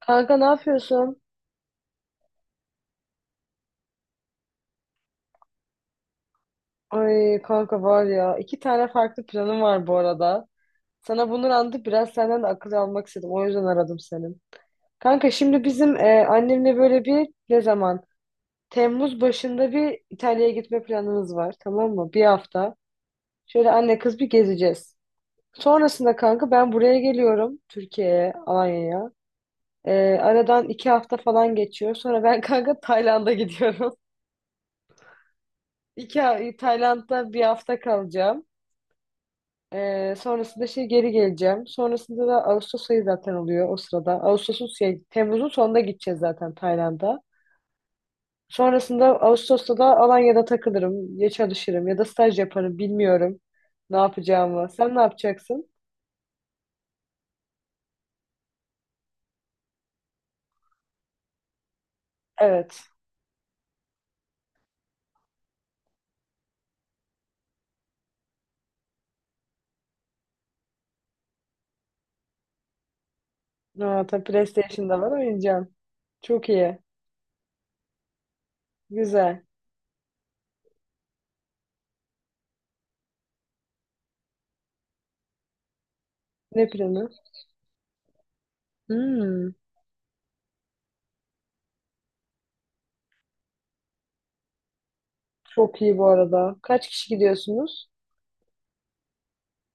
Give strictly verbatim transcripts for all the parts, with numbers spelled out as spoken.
Kanka ne yapıyorsun? Ay kanka var ya iki tane farklı planım var bu arada. Sana bunu anlatıp biraz senden de akıl almak istedim. O yüzden aradım seni. Kanka şimdi bizim e, annemle böyle bir ne zaman? Temmuz başında bir İtalya'ya gitme planımız var tamam mı? Bir hafta. Şöyle anne kız bir gezeceğiz. Sonrasında kanka ben buraya geliyorum. Türkiye'ye, Alanya'ya. E, aradan iki hafta falan geçiyor. Sonra ben kanka Tayland'a gidiyorum. İki, Tayland'da bir hafta kalacağım. Ee, sonrasında şey geri geleceğim. Sonrasında da Ağustos ayı zaten oluyor o sırada. Ağustos'un şey, Temmuz'un sonunda gideceğiz zaten Tayland'a. Sonrasında Ağustos'ta da Alanya'da takılırım, ya çalışırım ya da staj yaparım bilmiyorum ne yapacağımı. Sen ne yapacaksın? Evet. Ha, tabii PlayStation'da var oynayacağım. Çok iyi. Güzel. Ne planı? Hmm, çok iyi bu arada. Kaç kişi gidiyorsunuz?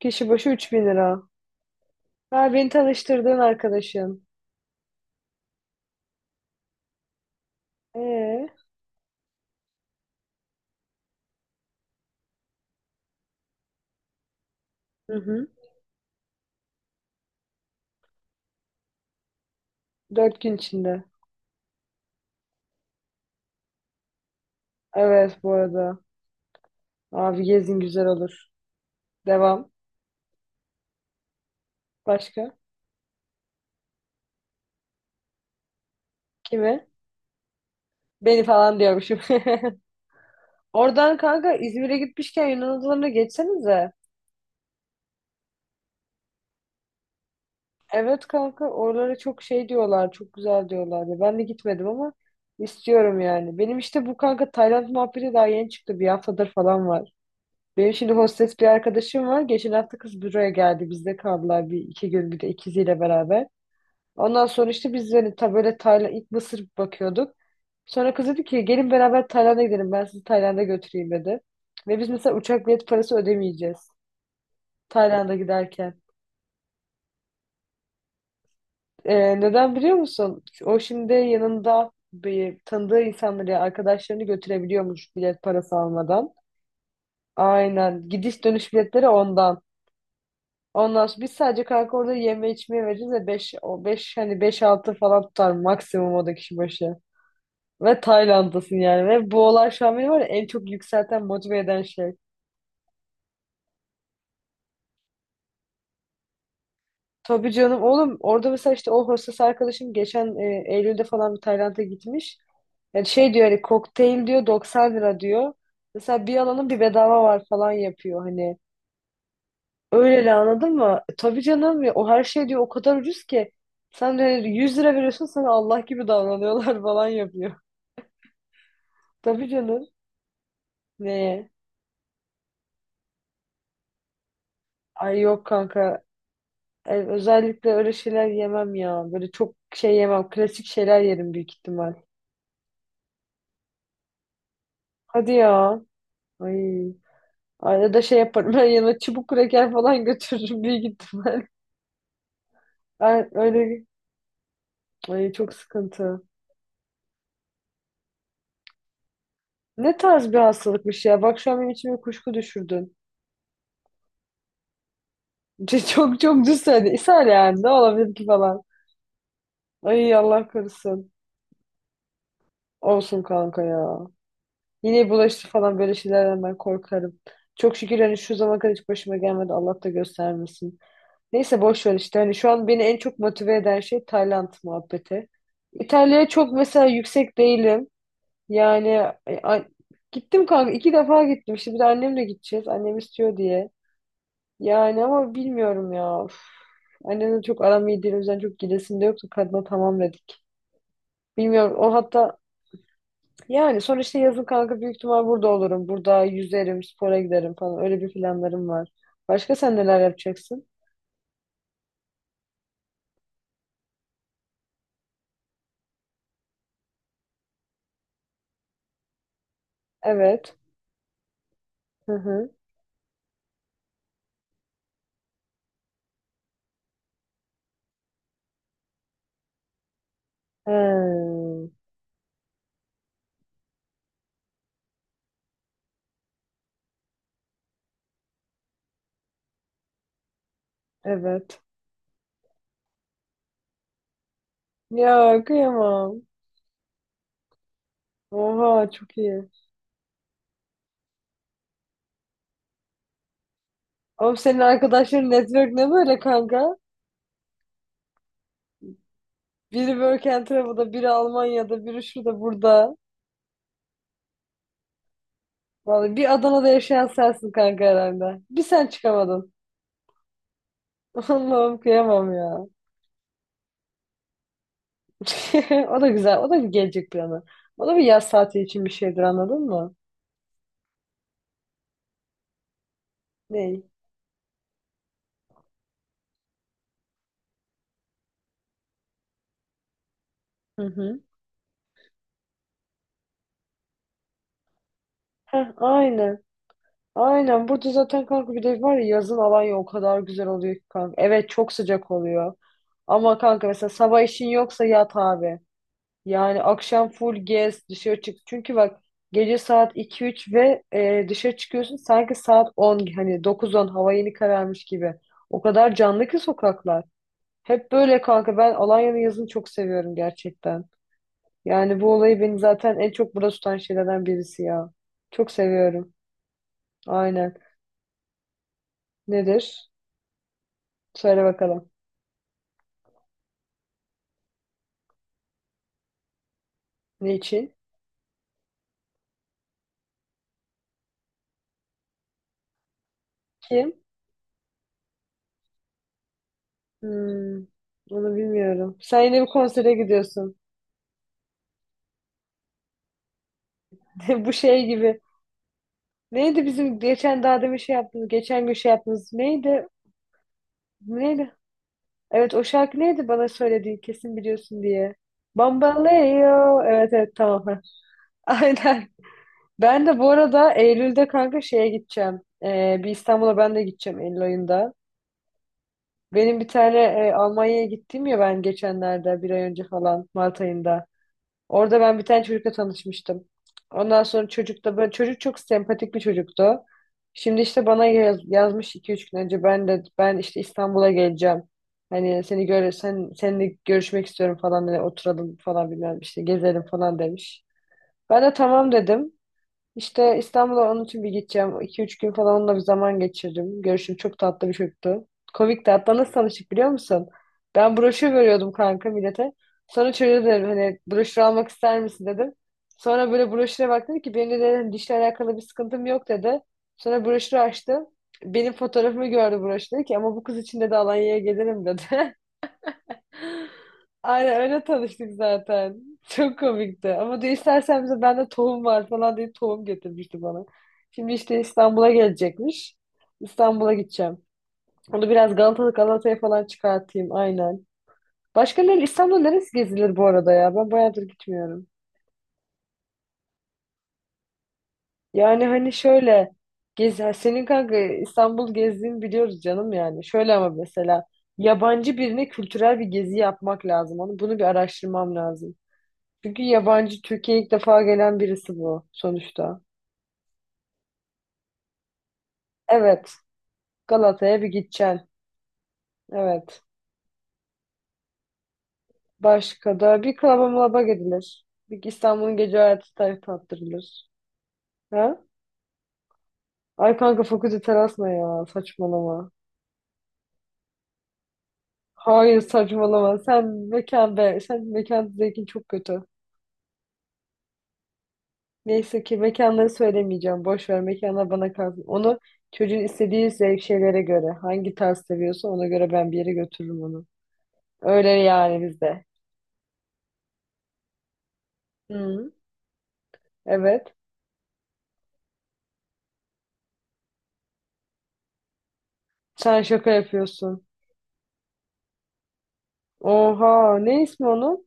Kişi başı üç bin lira. Ha, beni tanıştırdığın arkadaşın. Ee? Hı hı. Dört gün içinde. Evet bu arada. Abi gezin güzel olur. Devam. Başka? Kimi? Beni falan diyormuşum. Oradan kanka İzmir'e gitmişken Yunan adalarına geçsenize. Evet kanka oralara çok şey diyorlar. Çok güzel diyorlar. Ya ben de gitmedim ama istiyorum yani. Benim işte bu kanka Tayland muhabbeti daha yeni çıktı. Bir haftadır falan var. Benim şimdi hostes bir arkadaşım var. Geçen hafta kız buraya geldi. Bizde kaldılar bir iki gün bir de ikiziyle beraber. Ondan sonra işte biz hani ta böyle Tayland, ilk Mısır bakıyorduk. Sonra kız dedi ki gelin beraber Tayland'a gidelim ben sizi Tayland'a götüreyim dedi. Ve biz mesela uçak bilet parası ödemeyeceğiz Tayland'a giderken. Ee, neden biliyor musun? O şimdi yanında bir tanıdığı insanları, yani arkadaşlarını götürebiliyormuş bilet parası almadan. Aynen. Gidiş dönüş biletleri ondan. Ondan sonra biz sadece kanka orada yeme içmeye vereceğiz ve beş o beş hani beş altı falan tutar maksimum o da kişi başı. Ve Tayland'dasın yani. Ve bu olay şu an beni var ya en çok yükselten, motive eden şey. Tabii canım oğlum orada mesela işte o hostes arkadaşım geçen e, Eylül'de falan bir Tayland'a gitmiş. Yani şey diyor hani kokteyl diyor doksan lira diyor. Mesela bir alanın bir bedava var falan yapıyor hani. Öyle de anladın mı? E, Tabii canım ya o her şey diyor o kadar ucuz ki. Sen de hani yüz lira veriyorsun sana Allah gibi davranıyorlar falan yapıyor. Tabii canım. Neye? Ay yok kanka e, özellikle öyle şeyler yemem ya. Böyle çok şey yemem. Klasik şeyler yerim büyük ihtimal. Hadi ya. Ay. Arada şey yaparım. Ben yanına çubuk kraker falan götürürüm büyük ihtimal. Ay, öyle. Ay, çok sıkıntı. Ne tarz bir hastalıkmış ya. Bak şu an benim içime kuşku düşürdün. Çok çok düz söyledin. İshal yani. Ne olabilir ki falan. Ay Allah korusun. Olsun kanka ya. Yine bulaştı falan böyle şeylerden ben korkarım. Çok şükür hani şu zamana kadar hiç başıma gelmedi. Allah da göstermesin. Neyse boş ver işte. Hani şu an beni en çok motive eden şey Tayland muhabbeti. İtalya'ya çok mesela yüksek değilim. Yani e, a- gittim kanka iki defa gittim. İşte bir de annemle gideceğiz. Annem istiyor diye. Yani ama bilmiyorum ya. Uf. Annemle çok aram iyi değil. O yüzden çok gidesim de yoktu. Kadına tamam dedik. Bilmiyorum. O hatta yani sonuçta yazın kanka büyük ihtimal burada olurum. Burada yüzerim, spora giderim falan. Öyle bir planlarım var. Başka sen neler yapacaksın? Evet. Hı hı. Hmm, evet. Ya kıyamam. Oha çok iyi. Oğlum senin arkadaşların network ne böyle kanka? Biri Work and Travel'da, biri Almanya'da, biri şurada burada. Vallahi bir Adana'da yaşayan sensin kanka herhalde. Bir sen çıkamadın. Allah'ım kıyamam ya. O da güzel. O da bir gelecek planı. O da bir yaz saati için bir şeydir anladın mı? Ney? Hı hı. Heh, aynen. Aynen burada zaten kanka bir de var ya yazın Alanya o kadar güzel oluyor ki kanka. Evet çok sıcak oluyor. Ama kanka mesela sabah işin yoksa yat abi. Yani akşam full gez dışarı çık. Çünkü bak gece saat iki üç ve e, dışarı çıkıyorsun sanki saat on hani dokuz on hava yeni kararmış gibi. O kadar canlı ki sokaklar. Hep böyle kanka ben Alanya'nın yazını çok seviyorum gerçekten. Yani bu olayı beni zaten en çok burada tutan şeylerden birisi ya. Çok seviyorum. Aynen. Nedir? Söyle bakalım. Ne için? Kim? Hmm, onu bilmiyorum. Sen yine bir konsere gidiyorsun. Bu şey gibi. Neydi bizim geçen daha demin şey yaptığımız, geçen gün şey yaptığımız neydi? Neydi? Evet o şarkı neydi bana söylediğin kesin biliyorsun diye. Bambaleo. Evet evet tamam. Aynen. Ben de bu arada Eylül'de kanka şeye gideceğim. Ee, bir İstanbul'a ben de gideceğim Eylül ayında. Benim bir tane e, Almanya'ya gittim ya ben geçenlerde bir ay önce falan Mart ayında. Orada ben bir tane çocukla tanışmıştım. Ondan sonra çocuk da böyle çocuk çok sempatik bir çocuktu. Şimdi işte bana yaz- yazmış iki üç gün önce ben de ben işte İstanbul'a geleceğim. Hani seni gör sen seninle görüşmek istiyorum falan hani oturalım falan bilmem işte gezelim falan demiş. Ben de tamam dedim. İşte İstanbul'a onun için bir gideceğim. İki üç gün falan onunla bir zaman geçirdim. Görüşüm çok tatlı bir çocuktu. Komik de hatta nasıl tanıştık biliyor musun? Ben broşür veriyordum kanka millete. Sonra çocuğa dedim hani broşür almak ister misin dedim. Sonra böyle broşüre baktı dedi ki benim de dedim, dişle alakalı bir sıkıntım yok dedi. Sonra broşürü açtı. Benim fotoğrafımı gördü broşür dedi ki ama bu kız için de Alanya'ya gelirim dedi. Aynen öyle tanıştık zaten. Çok komikti. Ama diyor istersen bize bende tohum var falan diye tohum getirmişti bana. Şimdi işte İstanbul'a gelecekmiş. İstanbul'a gideceğim. Onu biraz Galata, Galata'ya falan çıkartayım aynen. Başka ne? İstanbul'da neresi gezilir bu arada ya? Ben bayağıdır gitmiyorum. Yani hani şöyle gez, ha, senin kanka İstanbul gezdiğini biliyoruz canım yani. Şöyle ama mesela yabancı birine kültürel bir gezi yapmak lazım. Onu, bunu bir araştırmam lazım. Çünkü yabancı Türkiye'ye ilk defa gelen birisi bu sonuçta. Evet. Galata'ya bir gideceksin. Evet. Başka da bir klaba mlaba gidilir. Bir İstanbul'un gece hayatı tar- tattırılır. Ha? Ay kanka fakülte terasma ya saçmalama. Hayır saçmalama. Sen mekan be. Sen mekan zevkin çok kötü. Neyse ki mekanları söylemeyeceğim. Boş ver mekanlar bana kalsın. Onu çocuğun istediği zevk şeylere göre. Hangi tarz seviyorsa ona göre ben bir yere götürürüm onu. Öyle yani bizde. Hı. Evet. Sen şaka yapıyorsun. Oha. Ne ismi onun?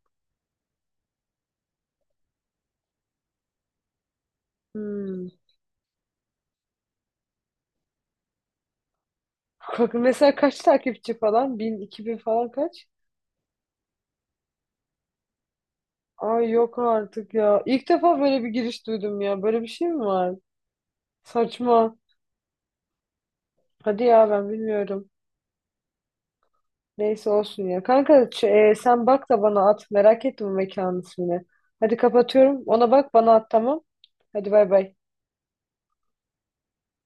Hmm. Ka- Mesela kaç takipçi falan? Bin, iki bin falan kaç? Ay yok artık ya. İlk defa böyle bir giriş duydum ya. Böyle bir şey mi var? Saçma. Hadi ya ben bilmiyorum. Neyse olsun ya. Kanka ç- e, sen bak da bana at. Merak ettim bu mekanın ismini. Hadi kapatıyorum. Ona bak bana at tamam. Hadi bay bay.